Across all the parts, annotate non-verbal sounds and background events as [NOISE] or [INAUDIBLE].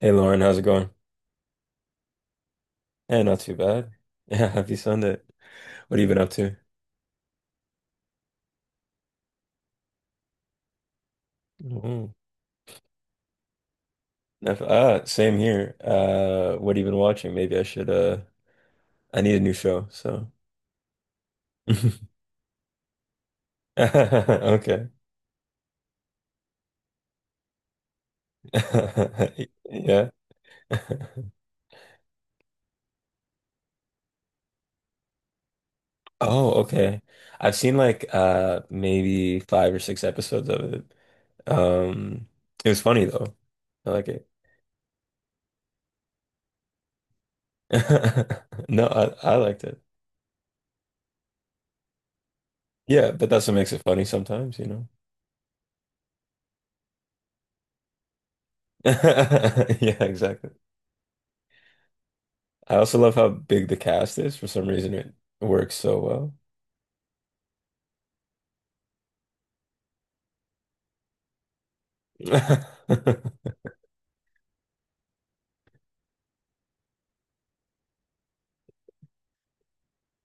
Hey Lauren, how's it going? Yeah, not too bad. Yeah, [LAUGHS] happy Sunday. What have you been up to? Mm. Same here. What have you been watching? Maybe I should I need a new show, so [LAUGHS] okay. [LAUGHS] Yeah. [LAUGHS] Oh, okay. I've seen like maybe five or six episodes of it. Um it was funny though. I like it. [LAUGHS] No, I liked it. Yeah, but that's what makes it funny sometimes. [LAUGHS] Yeah, exactly. I also love how big the cast is. For some reason, it works so well. [LAUGHS]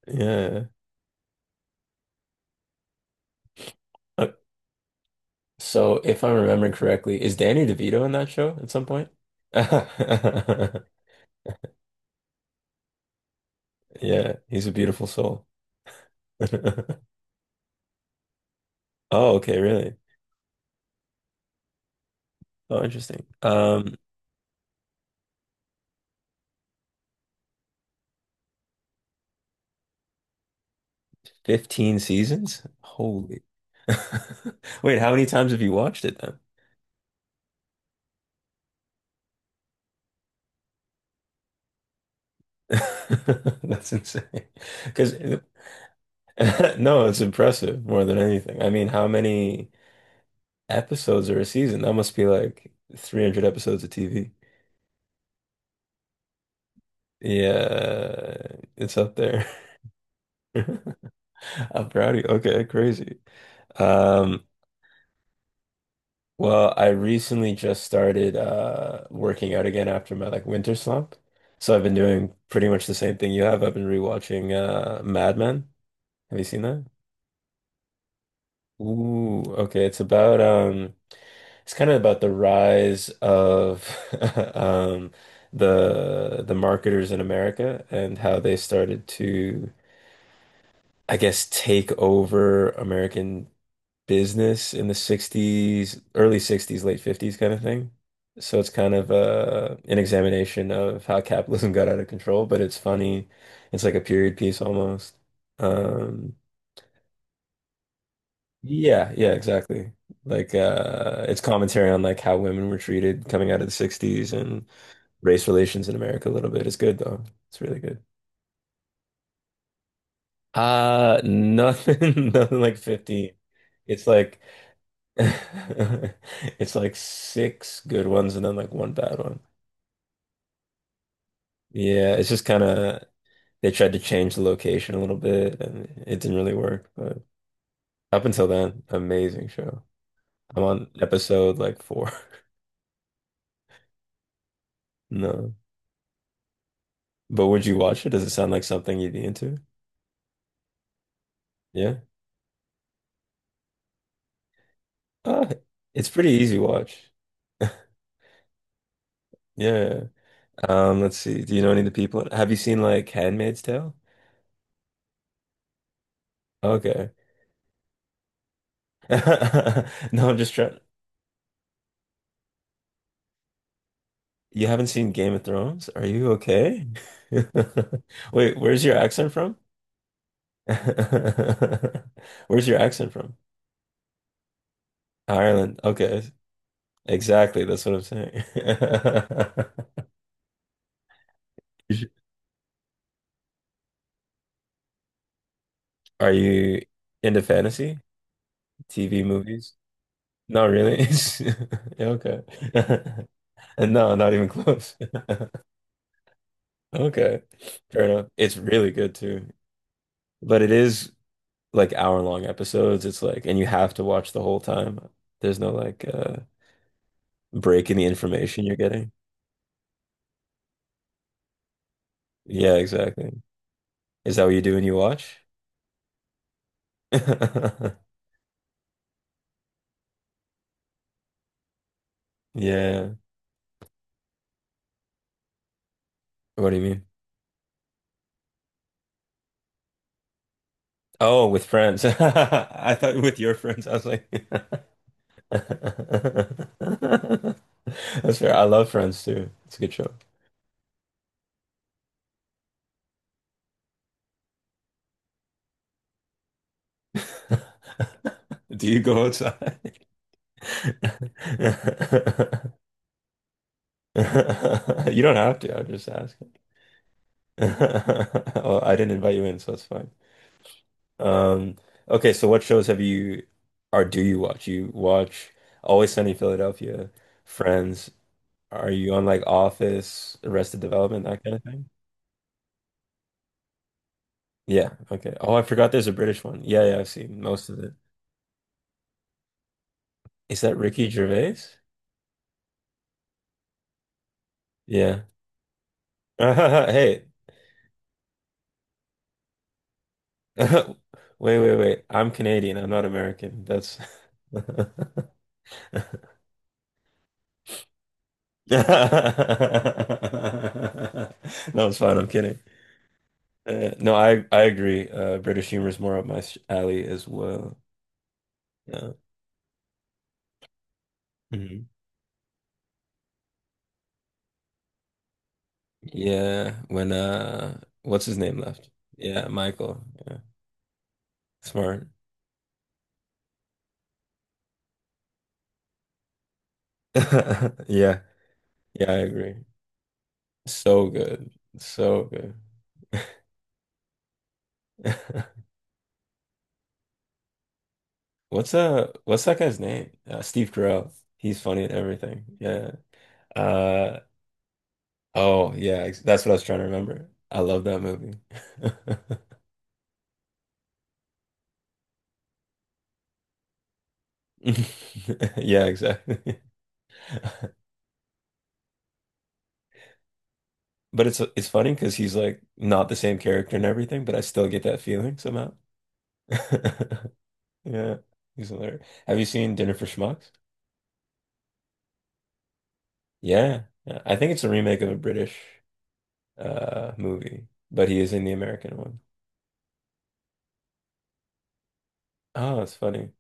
Yeah. Uh, So if I'm remembering correctly, is Danny DeVito in that show at some point? [LAUGHS] Yeah, he's a beautiful soul. [LAUGHS] Oh, okay, really? Oh, interesting. 15 seasons? Holy. [LAUGHS] Wait, how many times have you watched it then? [LAUGHS] That's insane. Because [LAUGHS] no, it's impressive more than anything. I mean, how many episodes or a season? That must be like 300 episodes of TV. Yeah, it's up there. [LAUGHS] I'm proud of you. Okay, crazy. Um, well, I recently just started working out again after my like winter slump. So I've been doing pretty much the same thing you have. I've been rewatching Mad Men. Have you seen that? Ooh, okay. It's about it's kind of about the rise of [LAUGHS] um the marketers in America and how they started to, I guess, take over American business in the 60s, early 60s, late 50s kind of thing. So it's kind of an examination of how capitalism [LAUGHS] got out of control, but it's funny. It's like a period piece almost. Um, Yeah, yeah, exactly. Like it's commentary on like how women were treated coming out of the 60s and race relations in America a little bit. It's good though. It's really good. Nothing [LAUGHS] nothing like 15. It's like [LAUGHS] it's like six good ones and then like one bad one. Yeah, it's just kind of they tried to change the location a little bit and it didn't really work, but up until then, amazing show. I'm on episode like four. [LAUGHS] No. But would you watch it? Does it sound like something you'd be into? Yeah. Uh, it's pretty easy watch. [LAUGHS] Yeah. Let's see. Do you know any of the people? Have you seen like Handmaid's Tale? Okay. [LAUGHS] No, I'm just trying. You haven't seen Game of Thrones? Are you okay? [LAUGHS] Wait, where's your accent from? [LAUGHS] Where's your accent from? Ireland. Okay. Exactly. That's what I'm saying. [LAUGHS] Are you into fantasy? TV movies? Not really. [LAUGHS] Yeah, okay. [LAUGHS] And no, not even close. [LAUGHS] Okay. Fair enough. It's really good too. But it is like hour long episodes. It's like, and you have to watch the whole time. There's no like break in the information you're getting. Yeah, exactly. Is that what you do when you watch? [LAUGHS] Yeah. What do you mean? Oh, with friends. [LAUGHS] I thought with your friends. I was like, [LAUGHS] that's fair. I love Friends too. It's a good show. [LAUGHS] Do you go outside? [LAUGHS] You don't have to. I'm just asking. [LAUGHS] Oh, I didn't invite you in, so it's fine. Um, okay, so what shows have you or do you watch? You watch Always Sunny in Philadelphia, Friends. Are you on like Office, Arrested Development, that kind of thing? Yeah, okay. Oh, I forgot there's a British one. Yeah, yeah, I've seen most of it. Is that Ricky Gervais? Yeah. [LAUGHS] Hey, [LAUGHS] Wait, wait. I'm Canadian. I'm not American. That's [LAUGHS] no, it's fine. I'm kidding. No, I agree. British humor is more up my alley as well. Yeah. Mhm. Yeah. When what's his name left? Yeah, Michael. Yeah, smart. [LAUGHS] Yeah, yeah, I agree. So good, so good. [LAUGHS] What's that guy's name? Steve Carell. He's funny at everything. Yeah. Uh, oh yeah, that's what I was trying to remember. I love that movie. [LAUGHS] Yeah, exactly. [LAUGHS] But it's funny because he's like not the same character and everything, but I still get that feeling somehow. [LAUGHS] Yeah, he's hilarious. Have you seen Dinner for Schmucks? Yeah, yeah. I think it's a remake of a British movie, but he is in the American one. Oh, it's funny.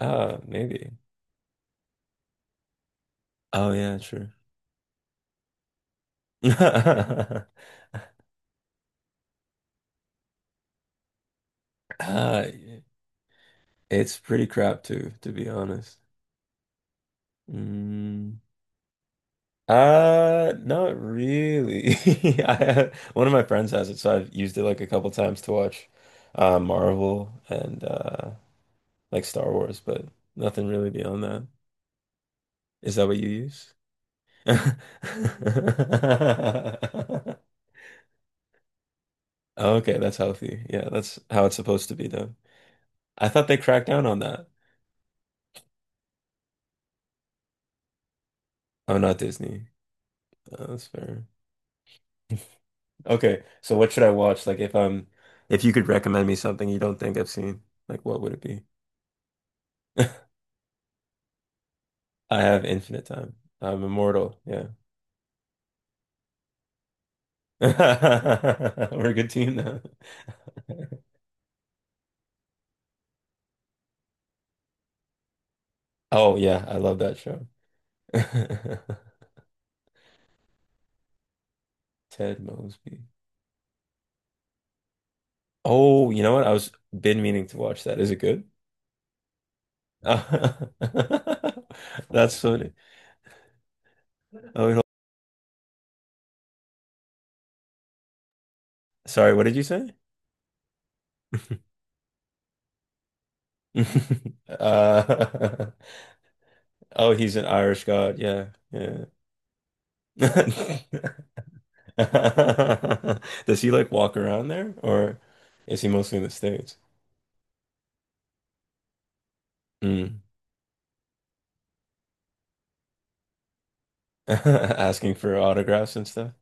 Ah, maybe. Oh yeah, true. [LAUGHS] Ah, yeah. It's pretty crap too, to be honest. Mm. Not really. [LAUGHS] I have, one of my friends has it, so I've used it like a couple times to watch Marvel and like Star Wars, but nothing really beyond that. Is that what you use? [LAUGHS] Okay, that's healthy. Yeah, that's how it's supposed to be done. I thought they cracked down on that. Oh, not Disney. Oh, that's fair. Okay, so what should I watch? Like if you could recommend me something you don't think I've seen, like what would it be? [LAUGHS] I have infinite time. I'm immortal. Yeah. [LAUGHS] We're a good team now. Oh yeah, I love that show. [LAUGHS] Ted Mosby. Oh, you know what? I was Been meaning to watch that. Is it good? [LAUGHS] That's funny. Oh, wait, sorry, what did you say? [LAUGHS] [LAUGHS] Uh, [LAUGHS] oh, he's an Irish god. Yeah, yeah. [LAUGHS] [LAUGHS] Does he like walk around there or is he mostly in the States? Mm. [LAUGHS] Asking for autographs and stuff?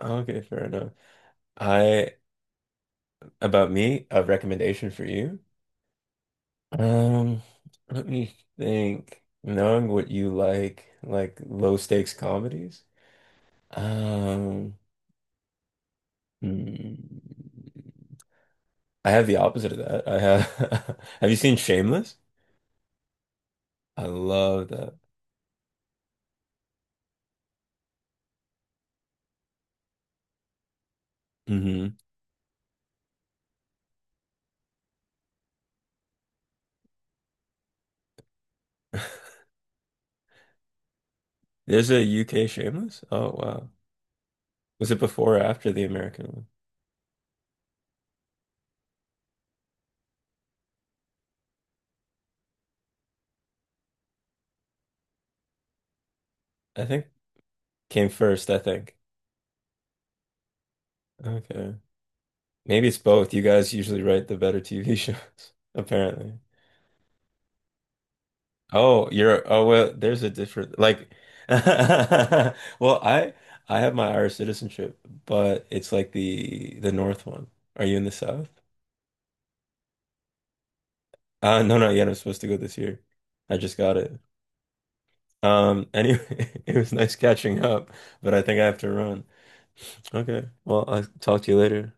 Okay, fair enough. I, about me, a recommendation for you. Um, let me think. Knowing what you like low stakes comedies. Um, hmm. I have the opposite of that. I have, [LAUGHS] have you seen Shameless? I love that. Hmm. [LAUGHS] There's a UK Shameless? Oh, wow. Was it before or after the American one? I think came first, I think. Okay. Maybe it's both. You guys usually write the better TV shows, [LAUGHS] apparently. Oh, you're oh well, there's a different like [LAUGHS] well, I have my Irish citizenship, but it's like the North one. Are you in the South? No, not yet. I'm supposed to go this year. I just got it. Anyway, [LAUGHS] it was nice catching up, but I think I have to run. Okay. Well, I'll talk to you later.